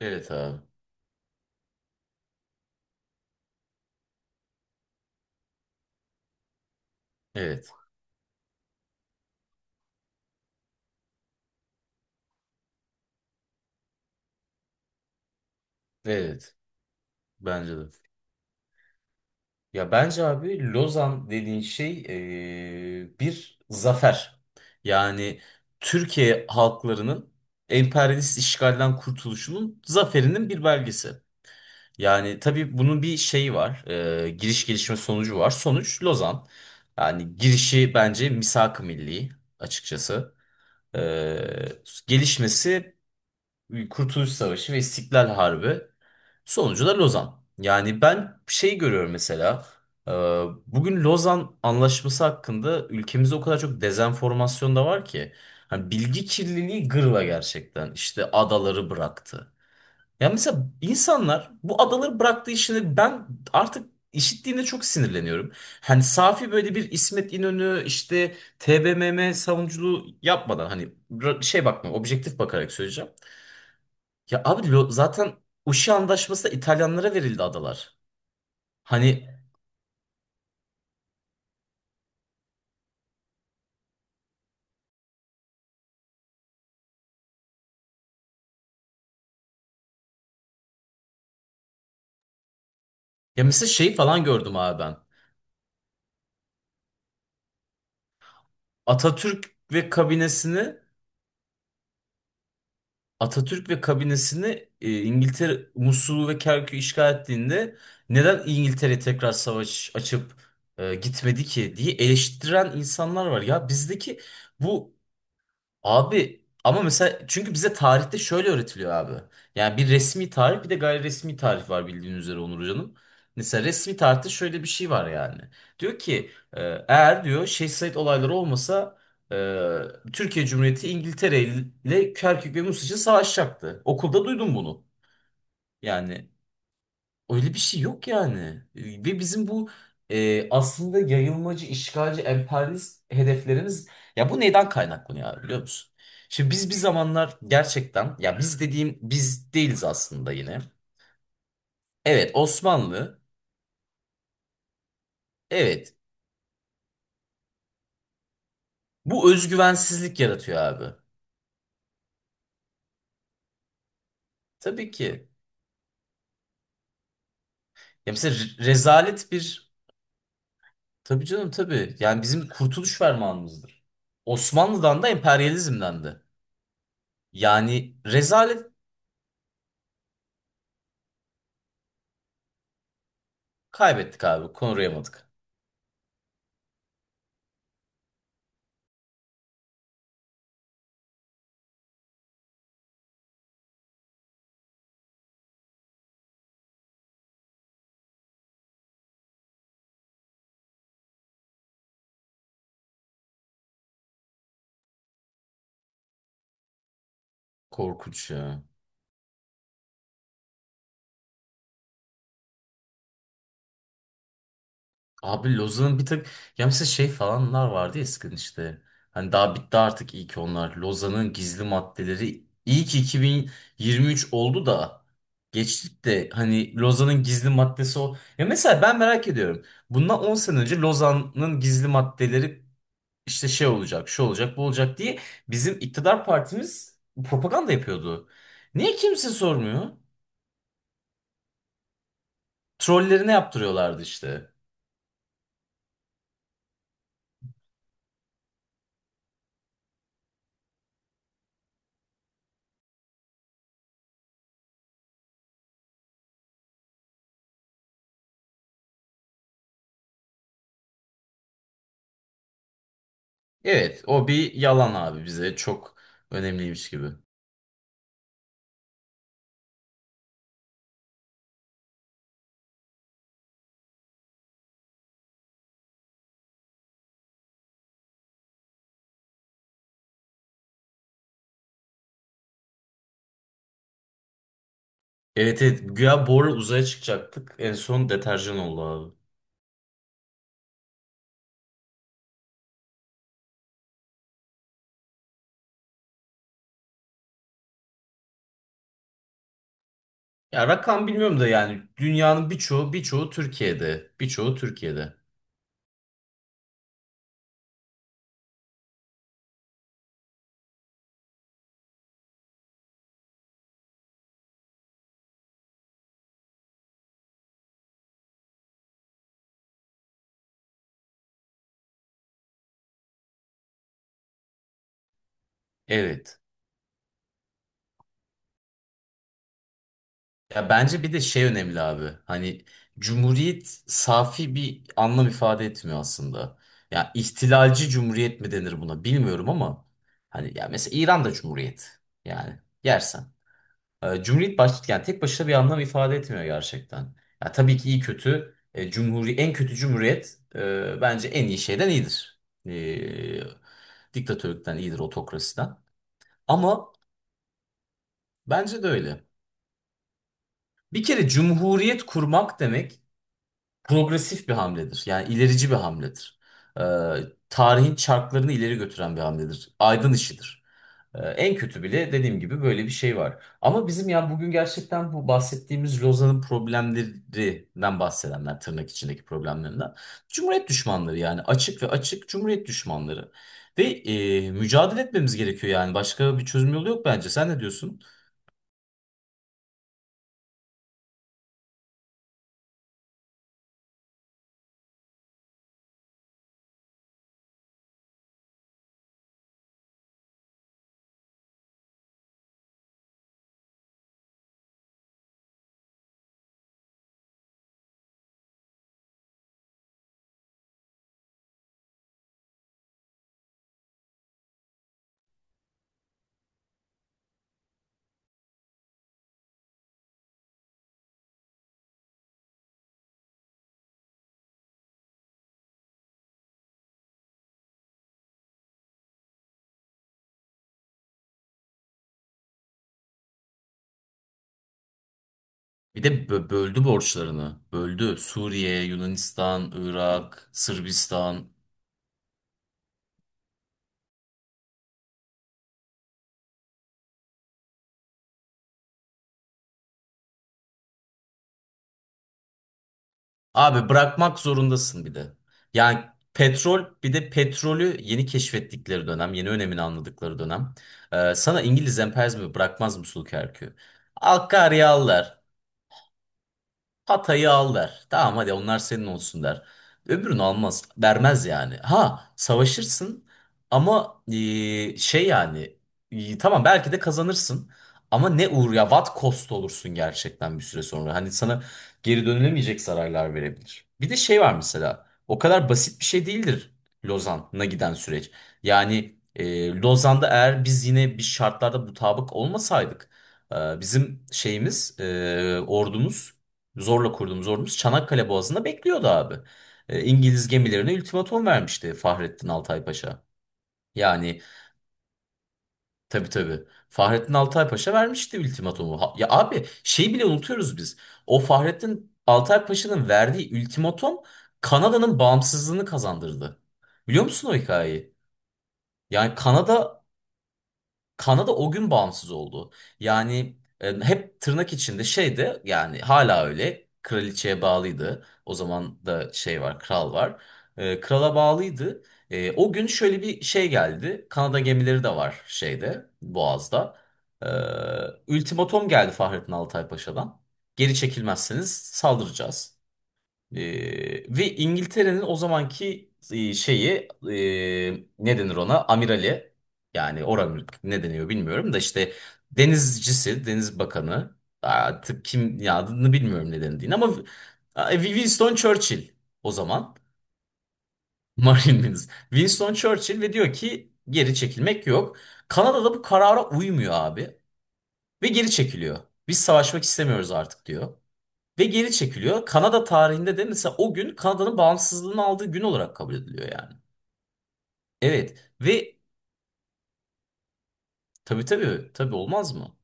Evet abi. Evet. Evet. Bence de. Ya bence abi Lozan dediğin şey bir zafer. Yani Türkiye halklarının emperyalist işgalden kurtuluşunun zaferinin bir belgesi. Yani tabii bunun bir şeyi var. Giriş, gelişme, sonucu var. Sonuç Lozan. Yani girişi bence misak-ı milli açıkçası. Gelişmesi Kurtuluş Savaşı ve İstiklal Harbi. Sonucu da Lozan. Yani ben şey görüyorum mesela. e, Bugün Lozan Anlaşması hakkında ülkemizde o kadar çok dezenformasyon da var ki. Hani bilgi kirliliği gırla gerçekten. İşte adaları bıraktı. Ya mesela insanlar bu adaları bıraktığı işini ben artık işittiğinde çok sinirleniyorum. Hani safi böyle bir İsmet İnönü işte TBMM savunuculuğu yapmadan hani bakma, objektif bakarak söyleyeceğim. Ya abi zaten Uşi Antlaşması'nda İtalyanlara verildi adalar. Hani ya mesela şey falan gördüm abi ben. Atatürk ve kabinesini Atatürk ve kabinesini İngiltere Musul'u ve Kerkük'ü işgal ettiğinde neden İngiltere tekrar savaş açıp gitmedi ki diye eleştiren insanlar var. Ya bizdeki bu. Abi ama mesela çünkü bize tarihte şöyle öğretiliyor abi. Yani bir resmi tarih, bir de gayri resmi tarih var bildiğin üzere Onur Hoca'nın. Mesela resmi tarihte şöyle bir şey var yani. Diyor ki e, eğer diyor Şehsayt olayları olmasa Türkiye Cumhuriyeti İngiltere ile Kerkük ve Mus için savaşacaktı. Okulda duydum bunu. Yani öyle bir şey yok yani. Ve bizim bu aslında yayılmacı, işgalci, emperyalist hedeflerimiz, ya bu neden kaynaklanıyor abi biliyor musun? Şimdi biz bir zamanlar gerçekten, ya biz dediğim biz değiliz aslında yine. Evet, Osmanlı, evet, bu özgüvensizlik yaratıyor abi. Tabii ki. Ya mesela rezalet bir, tabii canım tabii, yani bizim kurtuluş fermanımızdır. Osmanlı'dan da emperyalizmden de. Yani rezalet, kaybettik abi, konurayamadık. Korkunç ya. Abi Lozan'ın bir tık, ya mesela şey falanlar vardı ya eskiden işte. Hani daha bitti artık iyi ki onlar. Lozan'ın gizli maddeleri, iyi ki 2023 oldu da geçtik de, hani Lozan'ın gizli maddesi o. Ya mesela ben merak ediyorum. Bundan 10 sene önce Lozan'ın gizli maddeleri işte şey olacak, şu olacak, bu olacak diye bizim iktidar partimiz propaganda yapıyordu. Niye kimse sormuyor? Trollerine yaptırıyorlardı işte. Evet, o bir yalan abi, bize çok önemliymiş gibi. Evet, evet, güya borla uzaya çıkacaktık. En son deterjan oldu abi. Ya rakam bilmiyorum da, yani dünyanın birçoğu Türkiye'de. Birçoğu Türkiye'de. Evet. Ya bence bir de şey önemli abi. Hani cumhuriyet safi bir anlam ifade etmiyor aslında. Ya ihtilalci cumhuriyet mi denir buna bilmiyorum ama hani ya mesela İran'da cumhuriyet, yani yersen. Cumhuriyet baş, yani tek başına bir anlam ifade etmiyor gerçekten. Ya tabii ki iyi kötü cumhuri, en kötü cumhuriyet bence en iyi şeyden iyidir. Diktatörlükten iyidir, otokrasiden. Ama bence de öyle. Bir kere cumhuriyet kurmak demek progresif bir hamledir. Yani ilerici bir hamledir. E, Tarihin çarklarını ileri götüren bir hamledir. Aydın işidir. En kötü bile dediğim gibi böyle bir şey var. Ama bizim, ya bugün gerçekten bu bahsettiğimiz Lozan'ın problemlerinden bahsedenler, tırnak içindeki problemlerinden. Cumhuriyet düşmanları, yani açık ve açık Cumhuriyet düşmanları. Ve mücadele etmemiz gerekiyor, yani başka bir çözüm yolu yok bence. Sen ne diyorsun? Bir de böldü borçlarını. Böldü. Suriye, Yunanistan, Irak, Sırbistan. Abi bırakmak zorundasın bir de. Yani petrol, bir de petrolü yeni keşfettikleri dönem, yeni önemini anladıkları dönem. Sana İngiliz emperyalizmi bırakmaz Musul Kerkü. Akkar yağlar. Hatay'ı al der. Tamam hadi onlar senin olsun der. Öbürünü almaz. Vermez yani. Ha savaşırsın ama şey yani tamam belki de kazanırsın. Ama ne uğur ya, what cost olursun gerçekten bir süre sonra. Hani sana geri dönülemeyecek zararlar verebilir. Bir de şey var mesela. O kadar basit bir şey değildir Lozan'a giden süreç. Yani Lozan'da eğer biz yine bir şartlarda mutabık olmasaydık, bizim şeyimiz, ordumuz, zorla kurduğumuz ordumuz Çanakkale Boğazı'nda bekliyordu abi. İngiliz gemilerine ultimatum vermişti Fahrettin Altay Paşa. Yani tabii tabii, Fahrettin Altay Paşa vermişti ultimatumu. Ya abi şey bile unutuyoruz biz. O Fahrettin Altay Paşa'nın verdiği ultimatum Kanada'nın bağımsızlığını kazandırdı. Biliyor musun o hikayeyi? Yani Kanada o gün bağımsız oldu. Yani hep tırnak içinde şeyde, yani hala öyle kraliçeye bağlıydı. O zaman da şey var, kral var. Krala bağlıydı. O gün şöyle bir şey geldi. Kanada gemileri de var şeyde, Boğaz'da. E, Ultimatom geldi Fahrettin Altay Paşa'dan. Geri çekilmezseniz saldıracağız. Ve İngiltere'nin o zamanki şeyi, ne denir ona? Amirali, yani oran ne deniyor bilmiyorum da işte, denizcisi, deniz bakanı, artık kim ya, adını bilmiyorum ne dendiğini ama Winston Churchill o zaman Marine Minister. Winston Churchill ve diyor ki geri çekilmek yok. Kanada'da bu karara uymuyor abi ve geri çekiliyor. Biz savaşmak istemiyoruz artık diyor. Ve geri çekiliyor. Kanada tarihinde de mesela o gün Kanada'nın bağımsızlığını aldığı gün olarak kabul ediliyor yani. Evet ve tabii tabii tabii, olmaz mı?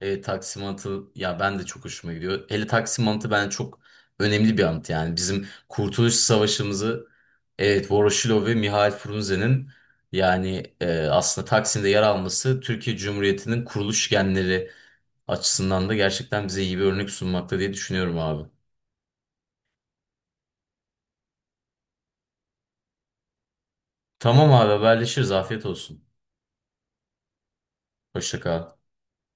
Taksim Anıtı, ya ben de çok hoşuma gidiyor. Hele Taksim Anıtı, ben çok önemli bir anıt yani. Bizim Kurtuluş Savaşımızı, evet, Voroshilov ve Mihail Frunze'nin, yani aslında Taksim'de yer alması Türkiye Cumhuriyeti'nin kuruluş genleri açısından da gerçekten bize iyi bir örnek sunmakta diye düşünüyorum abi. Tamam abi, haberleşiriz, afiyet olsun. Hoşça kal.